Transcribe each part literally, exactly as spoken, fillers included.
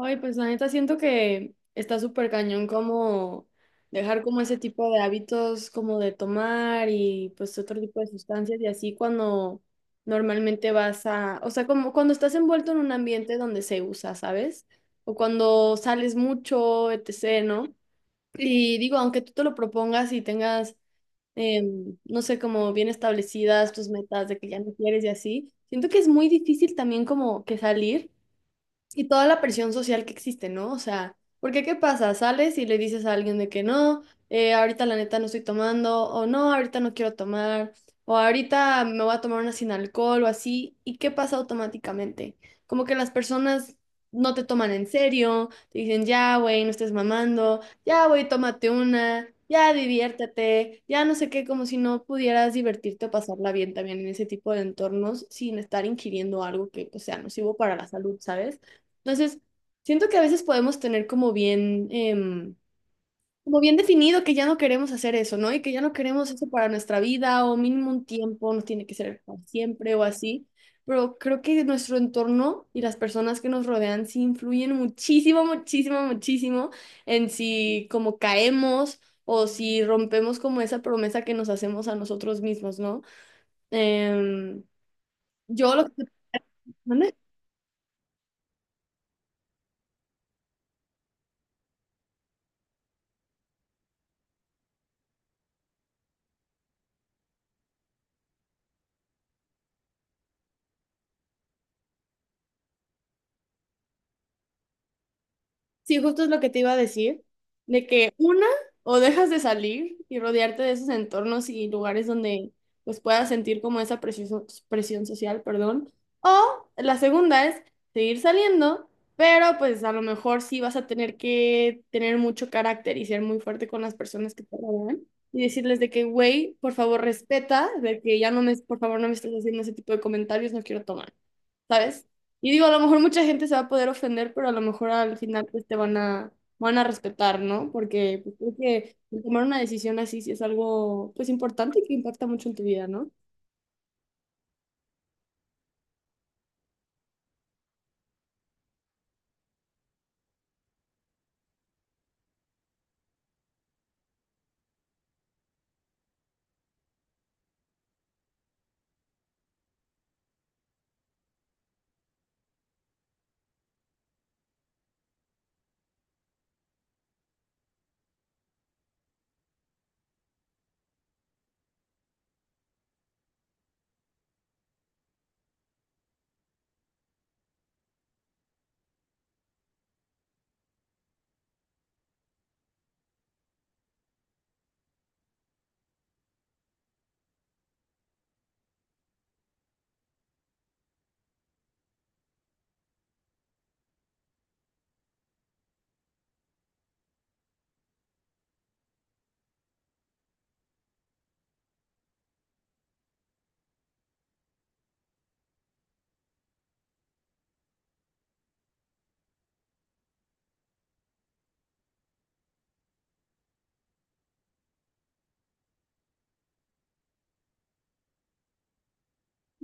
Ay, pues la neta siento que está súper cañón como dejar como ese tipo de hábitos como de tomar y pues otro tipo de sustancias y así cuando normalmente vas a, o sea, como cuando estás envuelto en un ambiente donde se usa, ¿sabes? O cuando sales mucho, etcétera, ¿no? Y digo, aunque tú te lo propongas y tengas, em, no sé, como bien establecidas tus metas de que ya no quieres y así, siento que es muy difícil también como que salir. Y toda la presión social que existe, ¿no? O sea, porque ¿qué pasa? Sales y le dices a alguien de que no, eh, ahorita la neta no estoy tomando, o no, ahorita no quiero tomar, o ahorita me voy a tomar una sin alcohol o así, ¿y qué pasa automáticamente? Como que las personas no te toman en serio, te dicen, ya, güey, no estés mamando, ya, güey, tómate una, ya, diviértete, ya no sé qué, como si no pudieras divertirte o pasarla bien también en ese tipo de entornos sin estar ingiriendo algo que pues, sea nocivo para la salud, ¿sabes? Entonces, siento que a veces podemos tener como bien, em, como bien definido que ya no queremos hacer eso, ¿no? Y que ya no queremos eso para nuestra vida o mínimo un tiempo, no tiene que ser para siempre o así. Pero creo que nuestro entorno y las personas que nos rodean sí influyen muchísimo, muchísimo, muchísimo en si como caemos o si rompemos como esa promesa que nos hacemos a nosotros mismos, ¿no? Em, yo lo que... ¿Mande? Sí, justo es lo que te iba a decir, de que una, o dejas de salir y rodearte de esos entornos y lugares donde pues puedas sentir como esa presión, presión social, perdón, o la segunda es seguir saliendo, pero pues a lo mejor sí vas a tener que tener mucho carácter y ser muy fuerte con las personas que te rodean y decirles de que, güey, por favor respeta, de que ya no me, por favor no me estés haciendo ese tipo de comentarios, no quiero tomar. ¿Sabes? Y digo, a lo mejor mucha gente se va a poder ofender, pero a lo mejor al final pues te van a, van a respetar, ¿no? Porque pues, creo que tomar una decisión así sí es algo pues importante y que impacta mucho en tu vida, ¿no?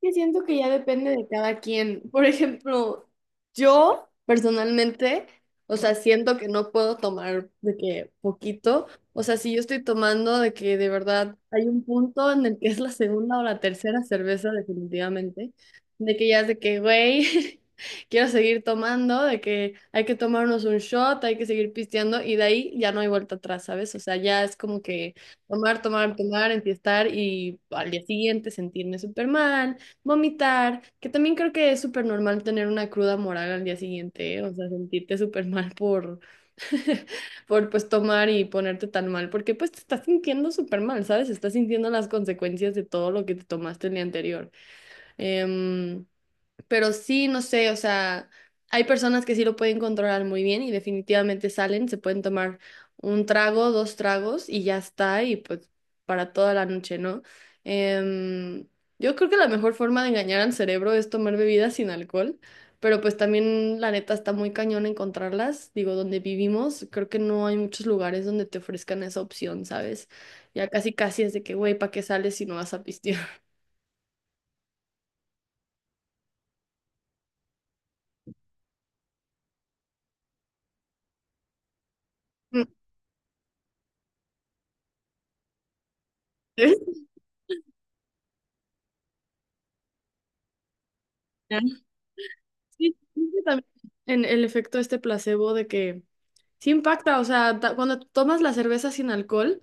que siento que ya depende de cada quien. Por ejemplo, yo personalmente, o sea, siento que no puedo tomar de que poquito. O sea, si yo estoy tomando de que de verdad hay un punto en el que es la segunda o la tercera cerveza, definitivamente, de que ya es de que, güey, quiero seguir tomando, de que hay que tomarnos un shot, hay que seguir pisteando y de ahí ya no hay vuelta atrás, ¿sabes? O sea, ya es como que tomar, tomar, tomar, enfiestar y al día siguiente sentirme súper mal Vomitar, que también creo que es súper normal tener una cruda moral al día siguiente, ¿eh? O sea, sentirte súper mal por, por pues tomar y ponerte tan mal, porque pues te estás sintiendo súper mal, ¿sabes? Estás sintiendo las consecuencias de todo lo que te tomaste el día anterior. Em, pero sí, no sé, o sea, hay personas que sí lo pueden controlar muy bien y definitivamente salen, se pueden tomar un trago, dos tragos y ya está, y pues para toda la noche, ¿no? Em, yo creo que la mejor forma de engañar al cerebro es tomar bebidas sin alcohol, pero pues también la neta está muy cañón encontrarlas, digo, donde vivimos, creo que no hay muchos lugares donde te ofrezcan esa opción, ¿sabes? Ya casi casi es de que, güey, ¿para qué sales si no vas a pistear? Sí, creo que también en el efecto este placebo de que sí impacta, o sea, ta- cuando tomas la cerveza sin alcohol,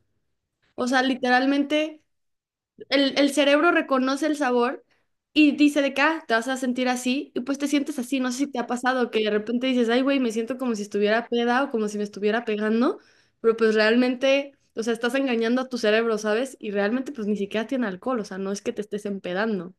o sea, literalmente el, el cerebro reconoce el sabor y dice de acá, te vas a sentir así, y pues te sientes así, no sé si te ha pasado que de repente dices, ay, güey, me siento como si estuviera peda o como si me estuviera pegando, pero pues realmente, o sea, estás engañando a tu cerebro, ¿sabes? Y realmente pues ni siquiera tiene alcohol, o sea, no es que te estés empedando.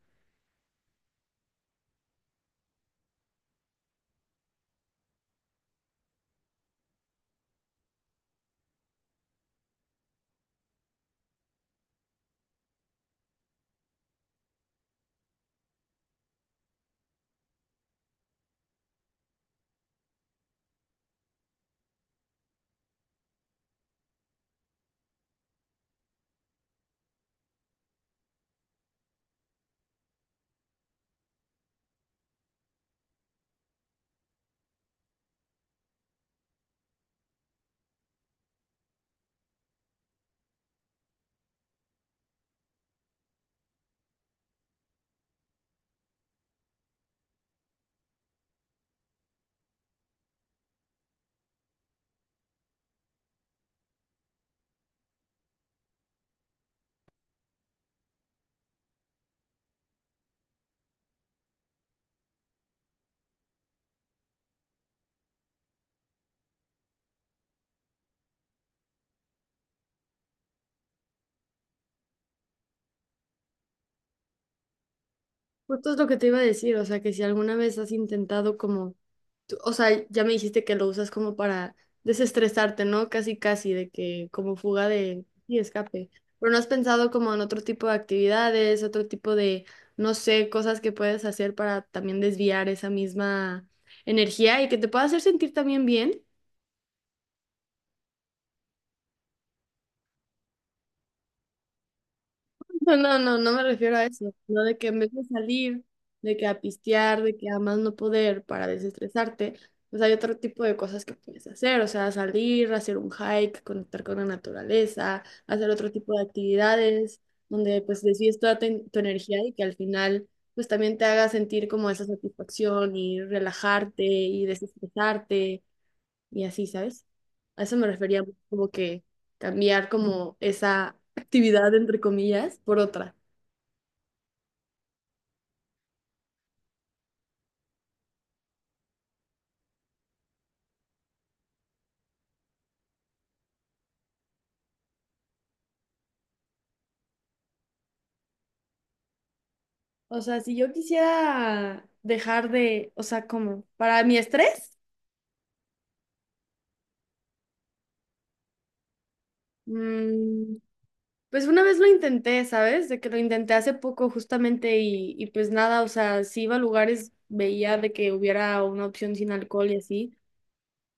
Justo es lo que te iba a decir, o sea, que si alguna vez has intentado como tú- O sea, ya me dijiste que lo usas como para desestresarte, ¿no? Casi, casi, de que como fuga de y escape. Pero no has pensado como en otro tipo de actividades, otro tipo de, no sé, cosas que puedes hacer para también desviar esa misma energía y que te pueda hacer sentir también bien. No, no, no, no me refiero a eso, no de que en vez de salir, de que a pistear, de que a más no poder para desestresarte, pues hay otro tipo de cosas que puedes hacer, o sea, salir, hacer un hike, conectar con la naturaleza, hacer otro tipo de actividades donde pues desvíes toda tu, tu energía y que al final pues también te haga sentir como esa satisfacción y relajarte y desestresarte y así, ¿sabes? A eso me refería como que cambiar como esa actividad, entre comillas, por otra. O sea, si yo quisiera dejar de, o sea, como para mi estrés, mm, pues una vez lo intenté, ¿sabes? De que lo intenté hace poco justamente y, y pues nada, o sea, si iba a lugares, veía de que hubiera una opción sin alcohol y así.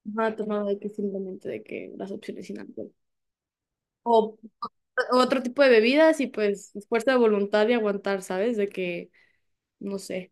Ajá, tomaba de que simplemente de que las opciones sin alcohol. O otro tipo de bebidas y pues fuerza de voluntad y aguantar, ¿sabes? De que, no sé.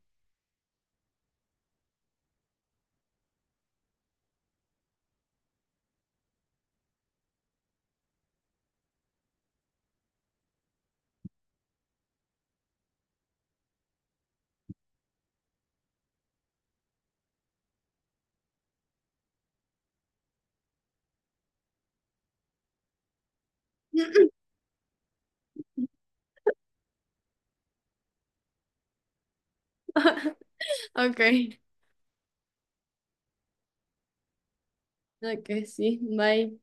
Ok, ok, sí, bye.